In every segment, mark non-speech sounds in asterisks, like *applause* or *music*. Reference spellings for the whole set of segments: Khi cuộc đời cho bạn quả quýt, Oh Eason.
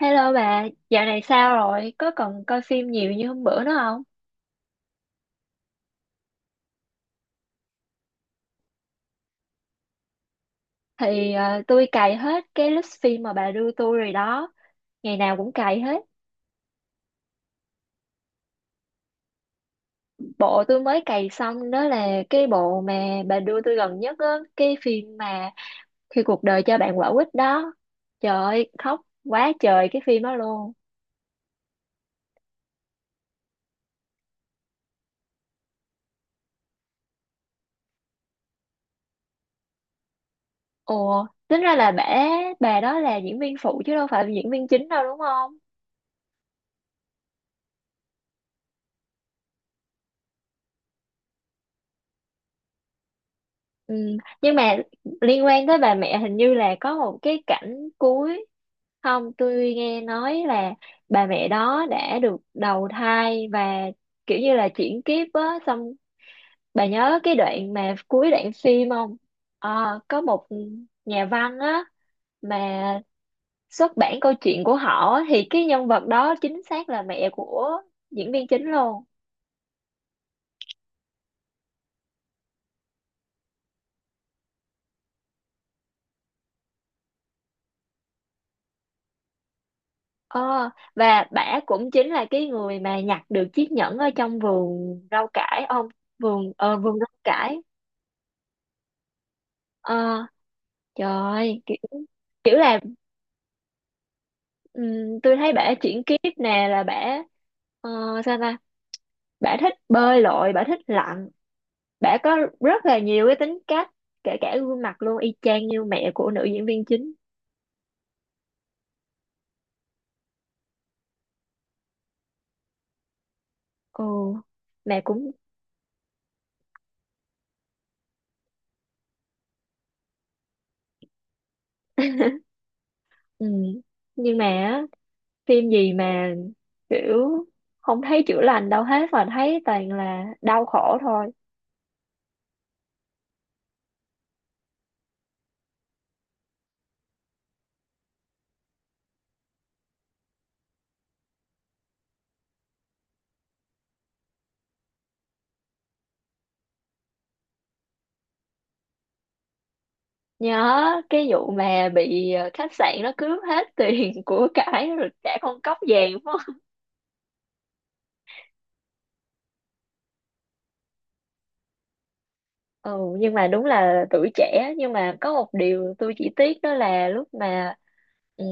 Hello bà, dạo này sao rồi? Có còn coi phim nhiều như hôm bữa nữa không? Tôi cày hết cái list phim mà bà đưa tôi rồi đó. Ngày nào cũng cày hết. Bộ tôi mới cày xong đó là cái bộ mà bà đưa tôi gần nhất á. Cái phim mà khi cuộc đời cho bạn quả quýt đó. Trời ơi, khóc quá trời cái phim đó luôn. Ồ, tính ra là bà đó là diễn viên phụ chứ đâu phải là diễn viên chính đâu đúng không? Ừ. Nhưng mà liên quan tới bà mẹ hình như là có một cái cảnh cuối, không tôi nghe nói là bà mẹ đó đã được đầu thai và kiểu như là chuyển kiếp á, xong bà nhớ cái đoạn mà cuối đoạn phim không? Ờ, có một nhà văn á, mà xuất bản câu chuyện của họ á, thì cái nhân vật đó chính xác là mẹ của diễn viên chính luôn. Ờ, và bả cũng chính là cái người mà nhặt được chiếc nhẫn ở trong vườn rau cải ông, vườn rau cải. ờ, Trời ơi, kiểu, kiểu là tôi thấy bả chuyển kiếp nè là bả ờ, sao ta Bả thích bơi lội, bả thích lặn, bả có rất là nhiều cái tính cách, kể cả gương mặt luôn y chang như mẹ của nữ diễn viên chính. Ồ, mẹ cũng. *laughs* ừm, nhưng mà á, phim gì mà kiểu không thấy chữa lành đâu hết mà thấy toàn là đau khổ thôi. Nhớ cái vụ mà bị khách sạn nó cướp hết tiền *laughs* của cải rồi cả con cóc vàng phải không? Ừ, nhưng mà đúng là tuổi trẻ, nhưng mà có một điều tôi chỉ tiếc đó là lúc mà ừm,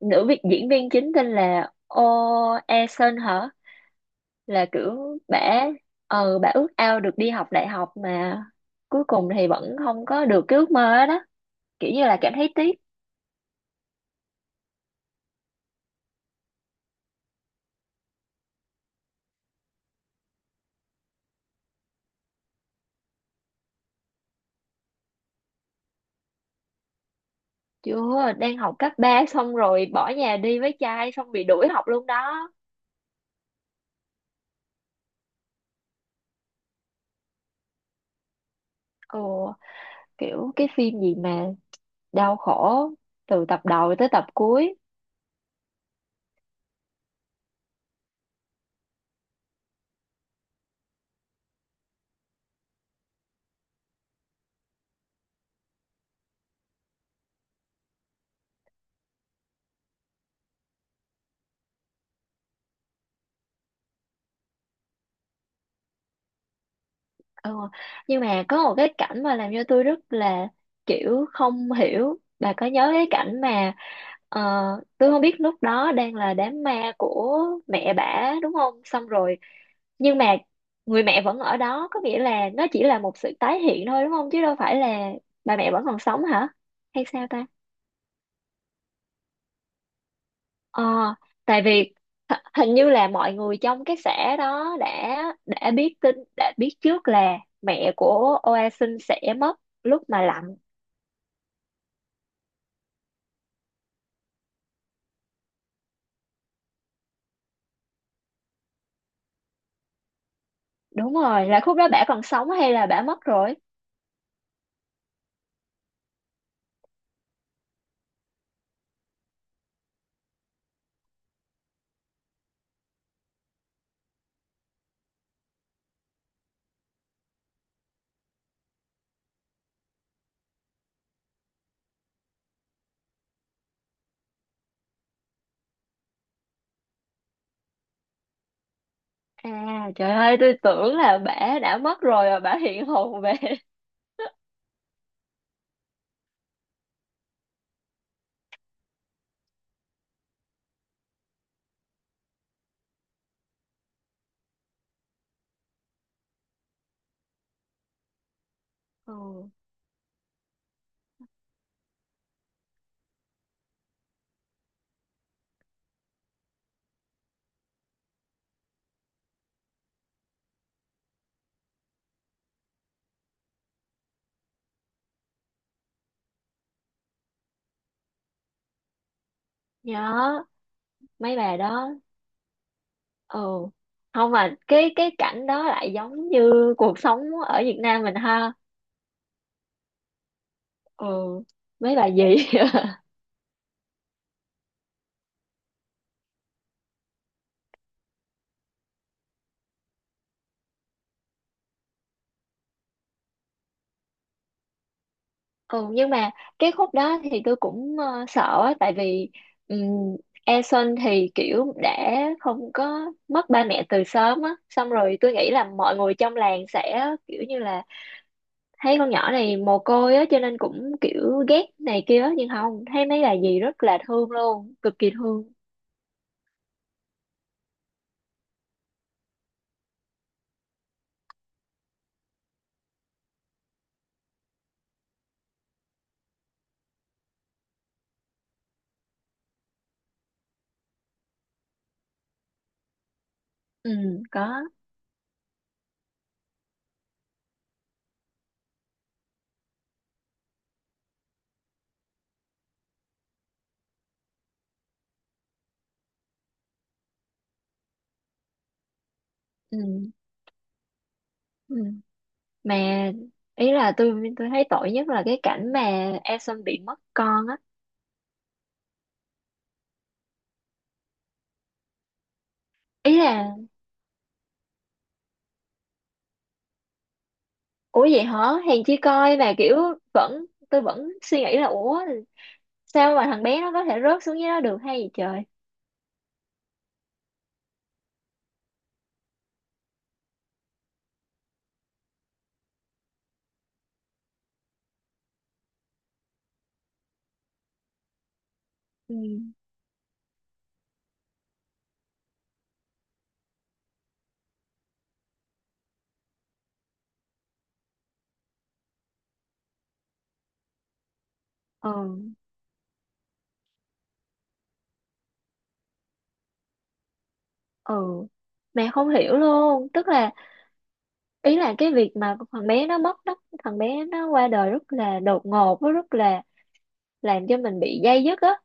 nữ việc diễn viên chính tên là Oh Eason hả. Là kiểu bả bả ước ao được đi học đại học mà cuối cùng thì vẫn không có được cái ước mơ đó, kiểu như là cảm thấy tiếc. Chưa, đang học cấp 3 xong rồi bỏ nhà đi với trai xong bị đuổi học luôn đó. Ừ, kiểu cái phim gì mà đau khổ từ tập đầu tới tập cuối. Ừ. Nhưng mà có một cái cảnh mà làm cho tôi rất là kiểu không hiểu, bà có nhớ cái cảnh mà ờ, tôi không biết lúc đó đang là đám ma của mẹ bả đúng không, xong rồi nhưng mà người mẹ vẫn ở đó, có nghĩa là nó chỉ là một sự tái hiện thôi đúng không, chứ đâu phải là bà mẹ vẫn còn sống hả, hay sao ta? Ờ, tại vì hình như là mọi người trong cái xã đó đã biết tin, đã biết trước là mẹ của Oasin sẽ mất lúc mà lạnh. Đúng rồi, là khúc đó bả còn sống hay là bả mất rồi? À trời ơi, tôi tưởng là bả đã mất rồi và bả hiện hồn về. *laughs* Ừ, nhớ mấy bà đó. Ừ, không, mà cái cảnh đó lại giống như cuộc sống ở Việt Nam mình ha. Ừ, mấy bà gì. *laughs* Ừ, nhưng mà cái khúc đó thì tôi cũng sợ á, tại vì um, Eason thì kiểu đã không có mất ba mẹ từ sớm á, xong rồi tôi nghĩ là mọi người trong làng sẽ kiểu như là thấy con nhỏ này mồ côi á, cho nên cũng kiểu ghét này kia á, nhưng không, thấy mấy bà dì rất là thương luôn, cực kỳ thương. Ừ, có. Ừ, ừ. Mà ý là tôi thấy tội nhất là cái cảnh mà Eason bị mất con á. Ý là, ủa vậy hả? Hèn chi coi là kiểu vẫn, tôi vẫn suy nghĩ là ủa sao mà thằng bé nó có thể rớt xuống dưới đó được hay gì trời. Ừ. Ừ, ừ. Mẹ không hiểu luôn, tức là ý là cái việc mà thằng bé nó mất đất, thằng bé nó qua đời rất là đột ngột với rất là làm cho mình bị day dứt á,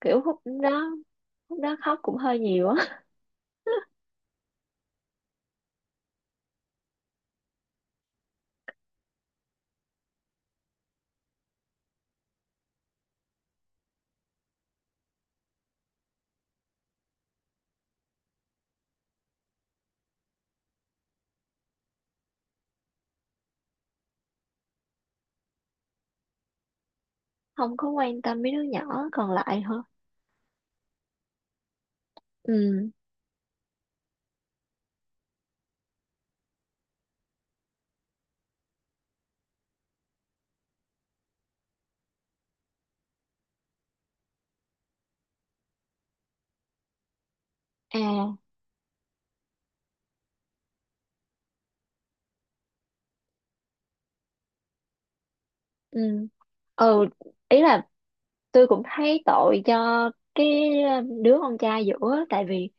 kiểu lúc đó khóc cũng hơi nhiều á. *laughs* Không có quan tâm mấy đứa nhỏ còn lại hả? Ừ. À, ừ. Ừ, ý là tôi cũng thấy tội cho cái đứa con trai giữa tại vì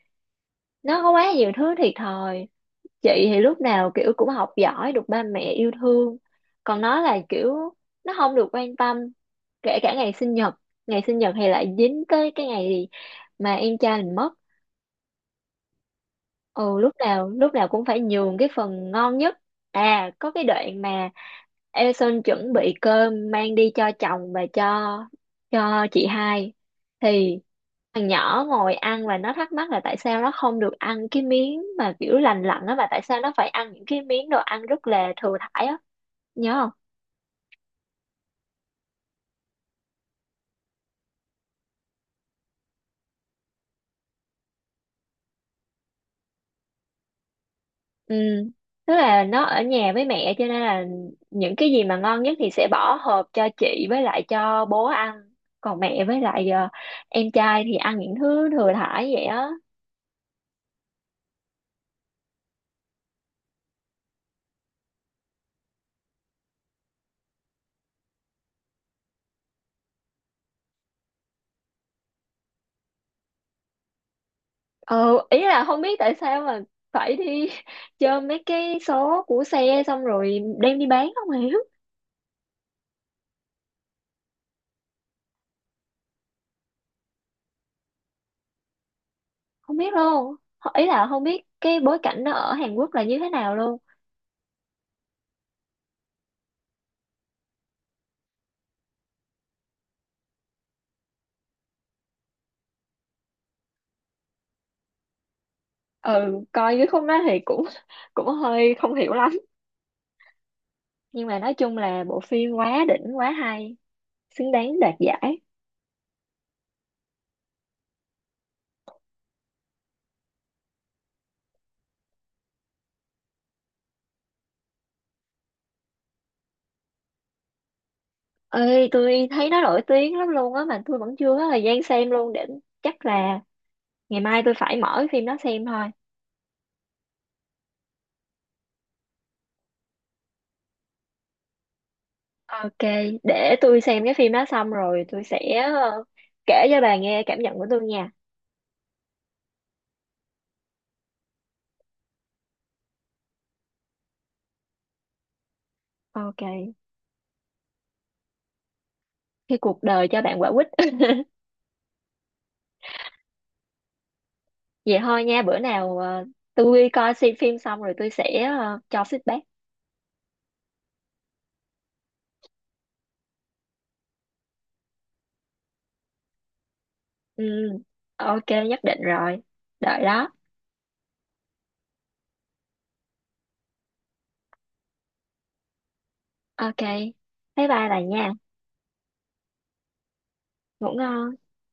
nó có quá nhiều thứ thiệt thòi. Chị thì lúc nào kiểu cũng học giỏi được ba mẹ yêu thương, còn nó là kiểu nó không được quan tâm, kể cả ngày sinh nhật. Ngày sinh nhật thì lại dính tới cái ngày mà em trai mình mất. Ừ, lúc nào cũng phải nhường cái phần ngon nhất. À có cái đoạn mà Eason chuẩn bị cơm mang đi cho chồng và cho chị hai thì thằng nhỏ ngồi ăn và nó thắc mắc là tại sao nó không được ăn cái miếng mà kiểu lành lặn á, mà tại sao nó phải ăn những cái miếng đồ ăn rất là thừa thải á. Nhớ. Ừ, tức là nó ở nhà với mẹ cho nên là những cái gì mà ngon nhất thì sẽ bỏ hộp cho chị với lại cho bố ăn. Còn mẹ với lại em trai thì ăn những thứ thừa thải vậy á. Ừ, ý là không biết tại sao mà phải đi *laughs* chơi mấy cái số của xe xong rồi đem đi bán, không hiểu. Không biết luôn. Ý là không biết cái bối cảnh nó ở Hàn Quốc là như thế nào luôn. Ừ, coi cái không đó thì cũng *laughs* cũng hơi không hiểu lắm. Nhưng mà nói chung là bộ phim quá đỉnh, quá hay, xứng đáng đoạt giải. Ơi, tôi thấy nó nổi tiếng lắm luôn á, mà tôi vẫn chưa có thời gian xem luôn. Để chắc là ngày mai tôi phải mở cái phim đó xem thôi. Ok, để tôi xem cái phim đó xong rồi tôi sẽ kể cho bà nghe cảm nhận của tôi nha. Ok, cái cuộc đời cho bạn quả quýt. *laughs* Vậy thôi nha, bữa nào tôi coi xem phim xong rồi tôi sẽ cho feedback. Ừ, ok, nhất định rồi, đợi đó. Ok, bye bye bà nha. Ngủ ngon.